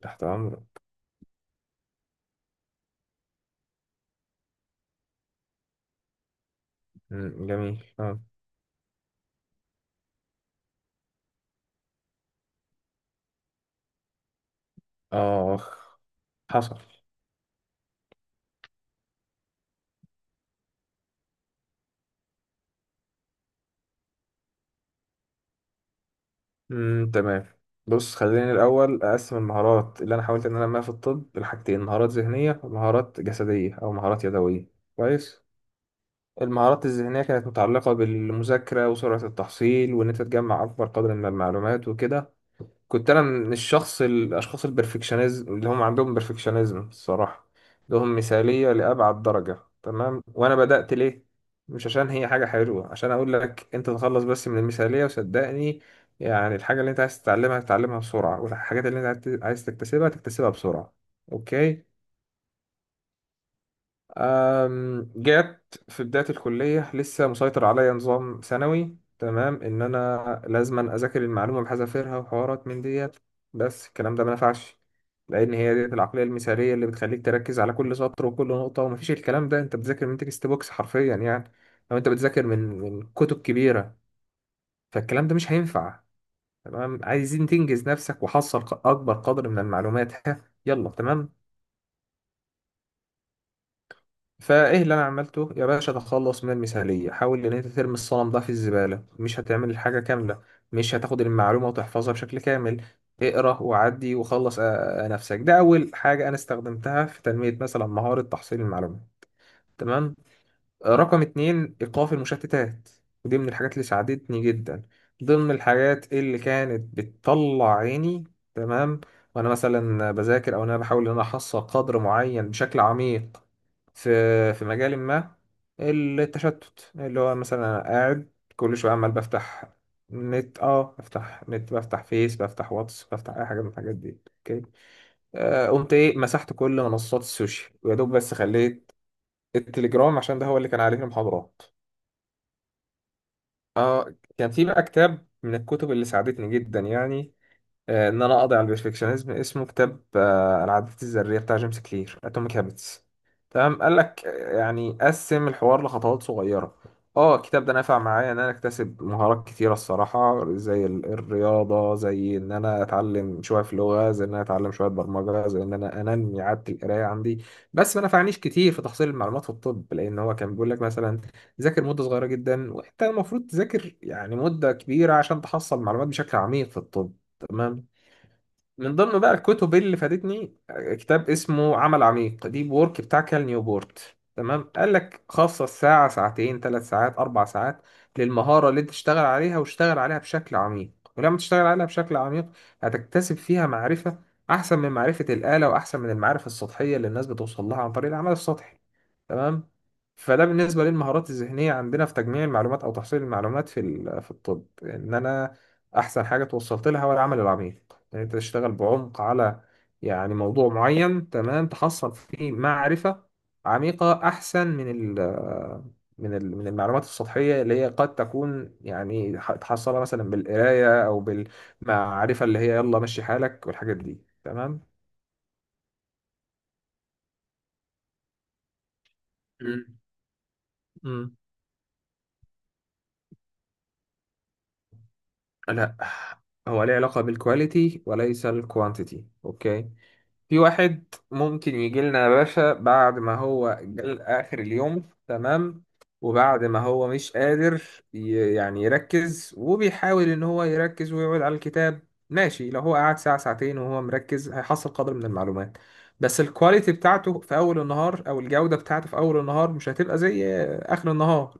تحت أمرك. مم، جميل. آه، آخ، حصل. مم، تمام. بص، خليني الأول أقسم المهارات اللي أنا حاولت إن أنا أنميها في الطب لحاجتين: مهارات ذهنية، ومهارات جسدية أو مهارات يدوية. كويس. المهارات الذهنية كانت متعلقة بالمذاكرة وسرعة التحصيل، وإن أنت تجمع أكبر قدر من المعلومات وكده. كنت انا من الشخص الاشخاص البرفكشنزم اللي هم عندهم برفكشنزم الصراحه، عندهم مثاليه لابعد درجه. تمام. وانا بدات ليه؟ مش عشان هي حاجه حلوه، عشان اقول لك انت تخلص بس من المثاليه وصدقني، يعني الحاجه اللي انت عايز تتعلمها تتعلمها بسرعه، والحاجات اللي انت عايز تكتسبها تكتسبها بسرعه. اوكي. جات في بداية الكلية لسه مسيطر عليا نظام ثانوي، تمام، إن أنا لازما أذاكر المعلومة بحذافيرها وحوارات من ديت. بس الكلام ده ما نفعش، لأن هي ديت العقلية المثالية اللي بتخليك تركز على كل سطر وكل نقطة، ومفيش الكلام ده. أنت بتذاكر من تكست بوكس حرفيا، يعني لو أنت بتذاكر من كتب كبيرة، فالكلام ده مش هينفع. تمام، عايزين تنجز نفسك وحصل أكبر قدر من المعلومات. ها، يلا تمام. فايه اللي انا عملته يا باشا؟ تخلص من المثاليه، حاول ان انت ترمي الصنم ده في الزباله. مش هتعمل الحاجه كامله، مش هتاخد المعلومه وتحفظها بشكل كامل. اقرا وعدي وخلص نفسك. ده اول حاجه انا استخدمتها في تنميه مثلا مهاره تحصيل المعلومات. تمام. رقم 2: إيقاف المشتتات. ودي من الحاجات اللي ساعدتني جدا، ضمن الحاجات اللي كانت بتطلع عيني. تمام، وأنا مثلا بذاكر أو أنا بحاول إن أنا أحصل قدر معين بشكل عميق في في مجال ما. التشتت اللي هو مثلا أنا قاعد كل شوية عمال بفتح نت، اه، بفتح نت، بفتح فيس، بفتح واتس، بفتح أي حاجة من الحاجات دي. أوكي. قمت ايه؟ مسحت كل منصات السوشيال ويا دوب بس خليت التليجرام عشان ده هو اللي كان عليه المحاضرات. اه، كان في بقى كتاب من الكتب اللي ساعدتني جدا، يعني ان انا اقضي على البرفكشنزم، اسمه كتاب العادات الذريه بتاع جيمس كلير، اتوميك هابتس. تمام، قال لك يعني قسم الحوار لخطوات صغيره. اه، الكتاب ده نفع معايا ان انا اكتسب مهارات كتيره الصراحه، زي الرياضه، زي ان انا اتعلم شويه في لغه، زي ان انا اتعلم شويه برمجه، زي ان انا انمي عاده القرايه عندي. بس ما نفعنيش كتير في تحصيل المعلومات في الطب، لان هو كان بيقول لك مثلا ذاكر مده صغيره جدا، وانت المفروض تذاكر يعني مده كبيره عشان تحصل معلومات بشكل عميق في الطب. تمام. من ضمن بقى الكتب اللي فادتني، كتاب اسمه عمل عميق، ديب وورك بتاع كال نيوبورت. تمام، قال لك خصص ساعة، ساعتين، 3 ساعات، 4 ساعات للمهارة اللي أنت تشتغل عليها، واشتغل عليها بشكل عميق. ولما تشتغل عليها بشكل عميق هتكتسب فيها معرفة أحسن من معرفة الآلة، وأحسن من المعارف السطحية اللي الناس بتوصل لها عن طريق العمل السطحي. تمام. فده بالنسبة للمهارات الذهنية عندنا في تجميع المعلومات أو تحصيل المعلومات في الطب. إن أنا أحسن حاجة توصلت لها هو العمل العميق، إن أنت تشتغل بعمق على يعني موضوع معين. تمام، تحصل فيه معرفة عميقة أحسن ال من المعلومات السطحية اللي هي قد تكون، يعني تحصلها مثلا بالقراية أو بالمعرفة اللي هي يلا مشي حالك والحاجات دي. تمام. مم. لا، هو ليه علاقة بالكواليتي وليس الكوانتيتي. اوكي. في واحد ممكن يجي لنا يا باشا بعد ما هو جال اخر اليوم، تمام، وبعد ما هو مش قادر يعني يركز، وبيحاول ان هو يركز ويقعد على الكتاب، ماشي. لو هو قعد ساعة ساعتين وهو مركز هيحصل قدر من المعلومات، بس الكواليتي بتاعته في اول النهار، او الجودة بتاعته في اول النهار، مش هتبقى زي اخر النهار.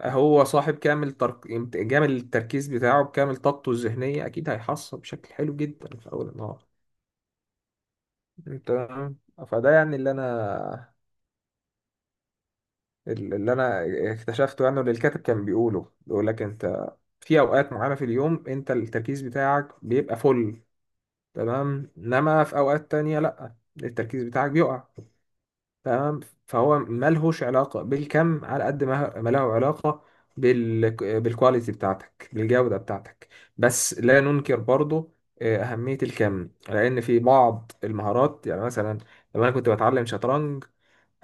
هو صاحب كامل كامل التركيز بتاعه، بكامل طاقته الذهنية أكيد هيحصل بشكل حلو جدا في أول النهار. أنت فده يعني اللي أنا اكتشفته، يعني واللي الكاتب كان بيقوله، بيقول لك أنت في أوقات معينة في اليوم أنت التركيز بتاعك بيبقى فل، تمام، إنما في أوقات تانية لأ، التركيز بتاعك بيقع. تمام. فهو ملهوش علاقة بالكم على قد ما ما له علاقة بال... بالكواليتي بتاعتك، بالجودة بتاعتك. بس لا ننكر برضو أهمية الكم، لأن في بعض المهارات يعني مثلا لما أنا كنت بتعلم شطرنج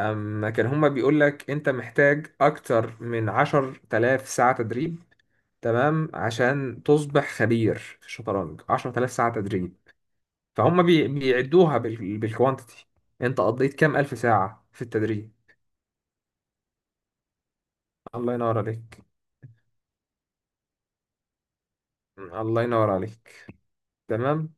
أما كان هما بيقول لك أنت محتاج أكتر من 10,000 ساعة تدريب. تمام، عشان تصبح خبير في الشطرنج 10,000 ساعة تدريب. فهم بيعدوها بالكوانتيتي، أنت قضيت كام ألف ساعة في التدريب. الله ينور عليك. مم، الله ينور عليك. تمام.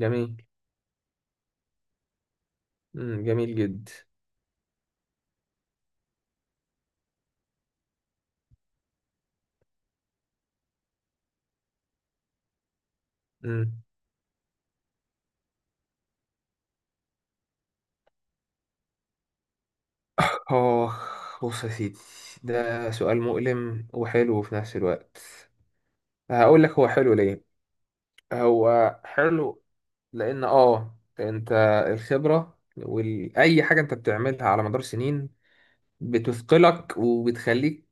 جميل. مم، جميل جدا. مم. اه، بص يا سيدي، ده سؤال مؤلم وحلو في نفس الوقت. هقول لك هو حلو ليه. هو حلو لان اه انت الخبرة واي حاجة انت بتعملها على مدار سنين بتثقلك وبتخليك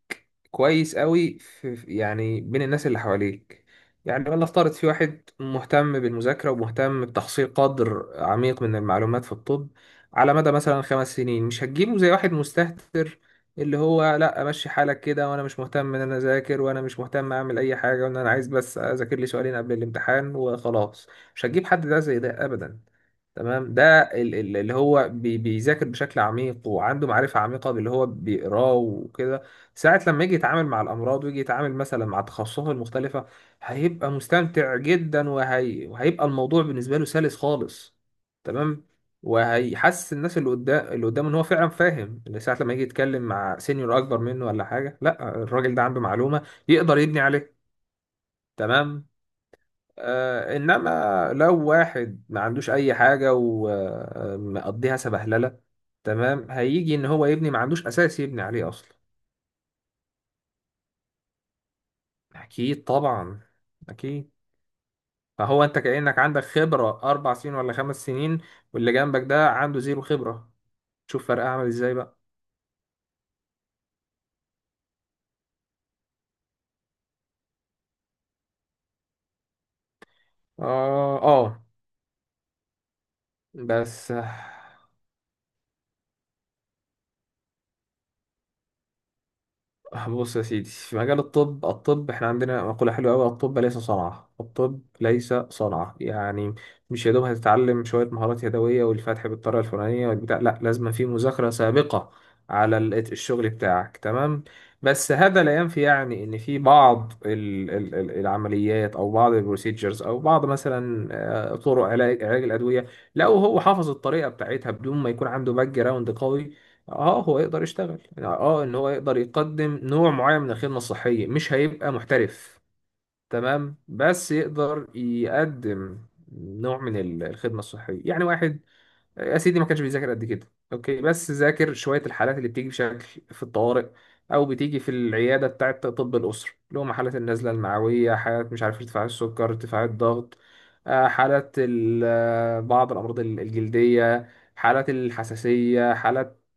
كويس قوي يعني بين الناس اللي حواليك. يعني ولنفترض في واحد مهتم بالمذاكرة ومهتم بتحصيل قدر عميق من المعلومات في الطب على مدى مثلا 5 سنين، مش هتجيبه زي واحد مستهتر اللي هو لا امشي حالك كده، وانا مش مهتم ان انا اذاكر، وانا مش مهتم اعمل اي حاجة، وان انا عايز بس اذاكر لي سؤالين قبل الامتحان وخلاص. مش هتجيب حد ده زي ده ابدا. تمام. ده اللي هو بيذاكر بشكل عميق وعنده معرفة عميقة باللي هو بيقراه وكده، ساعة لما يجي يتعامل مع الأمراض، ويجي يتعامل مثلا مع تخصصاته المختلفة، هيبقى مستمتع جدا وهيبقى الموضوع بالنسبة له سلس خالص. تمام. وهيحسس الناس اللي قدامه ان هو فعلا فاهم اللي، ساعة لما يجي يتكلم مع سينيور اكبر منه ولا حاجة، لا الراجل ده عنده معلومة يقدر يبني عليها. تمام. انما لو واحد ما عندوش اي حاجه ومقضيها سبهلله، تمام، هيجي ان هو يبني ما عندوش اساس يبني عليه اصلا. اكيد طبعا، اكيد. فهو انت كانك عندك خبره 4 سنين ولا 5 سنين، واللي جنبك ده عنده زيرو خبره، شوف فرق عامل ازاي بقى. اه، اه، بس بص يا سيدي، في مجال الطب، الطب احنا عندنا مقولة حلوة أوي: الطب ليس صنعة، الطب ليس صنعة، يعني مش يا دوب هتتعلم شوية مهارات يدوية والفتح بالطريقة الفلانية والبتاع، لا، لازم في مذاكرة سابقة على الشغل بتاعك. تمام. بس هذا لا ينفي يعني ان في بعض العمليات، او بعض البروسيجرز، او بعض مثلا طرق علاج الادويه، لو هو حافظ الطريقه بتاعتها بدون ما يكون عنده باك جراوند قوي، اه هو يقدر يشتغل، يعني اه ان هو يقدر يقدم نوع معين من الخدمة الصحية، مش هيبقى محترف. تمام، بس يقدر يقدم نوع الخدمة الصحية. يعني واحد يا سيدي ما كانش بيذاكر قد كده، اوكي، بس ذاكر شوية الحالات اللي بتيجي بشكل في الطوارئ او بتيجي في العيادة بتاعة طب الأسرة، اللي هم حالات النزلة المعوية، حالات مش عارف ارتفاع السكر، ارتفاع الضغط، حالات بعض الأمراض الجلدية، حالات الحساسية، حالات،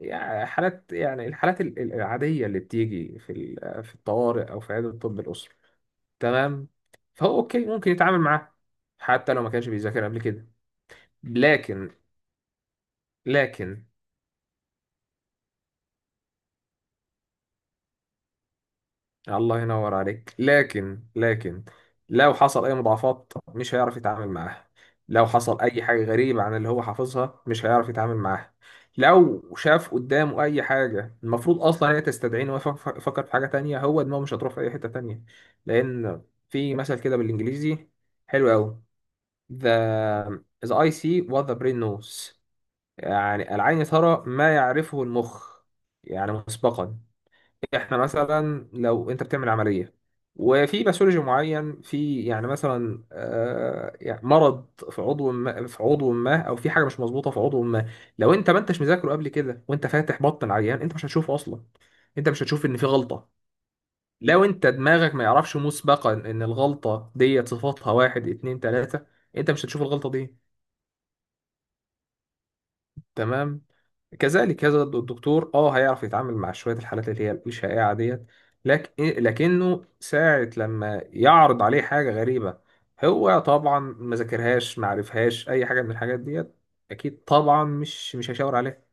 يعني حالات، يعني الحالات العادية اللي بتيجي في الطوارئ أو في عيادة الطب الأسري. تمام. فهو أوكي ممكن يتعامل معاه حتى لو ما كانش بيذاكر قبل كده. لكن لكن. الله ينور عليك. لكن لو حصل اي مضاعفات مش هيعرف يتعامل معاها، لو حصل اي حاجه غريبه عن اللي هو حافظها مش هيعرف يتعامل معاها، لو شاف قدامه اي حاجه المفروض اصلا هي تستدعيه ان هو يفكر في حاجه تانية، هو دماغه مش هتروح في اي حته تانية، لان في مثل كده بالانجليزي حلو قوي: the the eye see what the brain knows. يعني العين ترى ما يعرفه المخ، يعني مسبقا. احنا مثلا لو انت بتعمل عمليه، وفي باثولوجي معين، في يعني مثلا يعني مرض في عضو ما، او في حاجه مش مظبوطه في عضو ما، لو انت ما انتش مذاكره قبل كده وانت فاتح بطن العيان انت مش هتشوفه اصلا، انت مش هتشوف ان في غلطه، لو انت دماغك ما يعرفش مسبقا ان الغلطه ديت صفاتها 1 2 3، انت مش هتشوف الغلطه دي. تمام. كذلك هذا الدكتور اه هيعرف يتعامل مع شويه الحالات اللي هي مش شائعه ديت، لكن لكنه ساعه لما يعرض عليه حاجه غريبه، هو طبعا ما ذاكرهاش ما عرفهاش اي حاجه من الحاجات ديت، اكيد طبعا مش هيشاور عليها.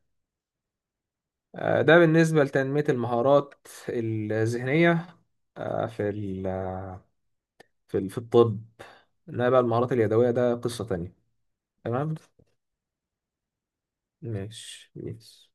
ده بالنسبه لتنميه المهارات الذهنيه، في في الطب. انما بقى المهارات اليدويه ده قصه تانية. تمام، ماشي.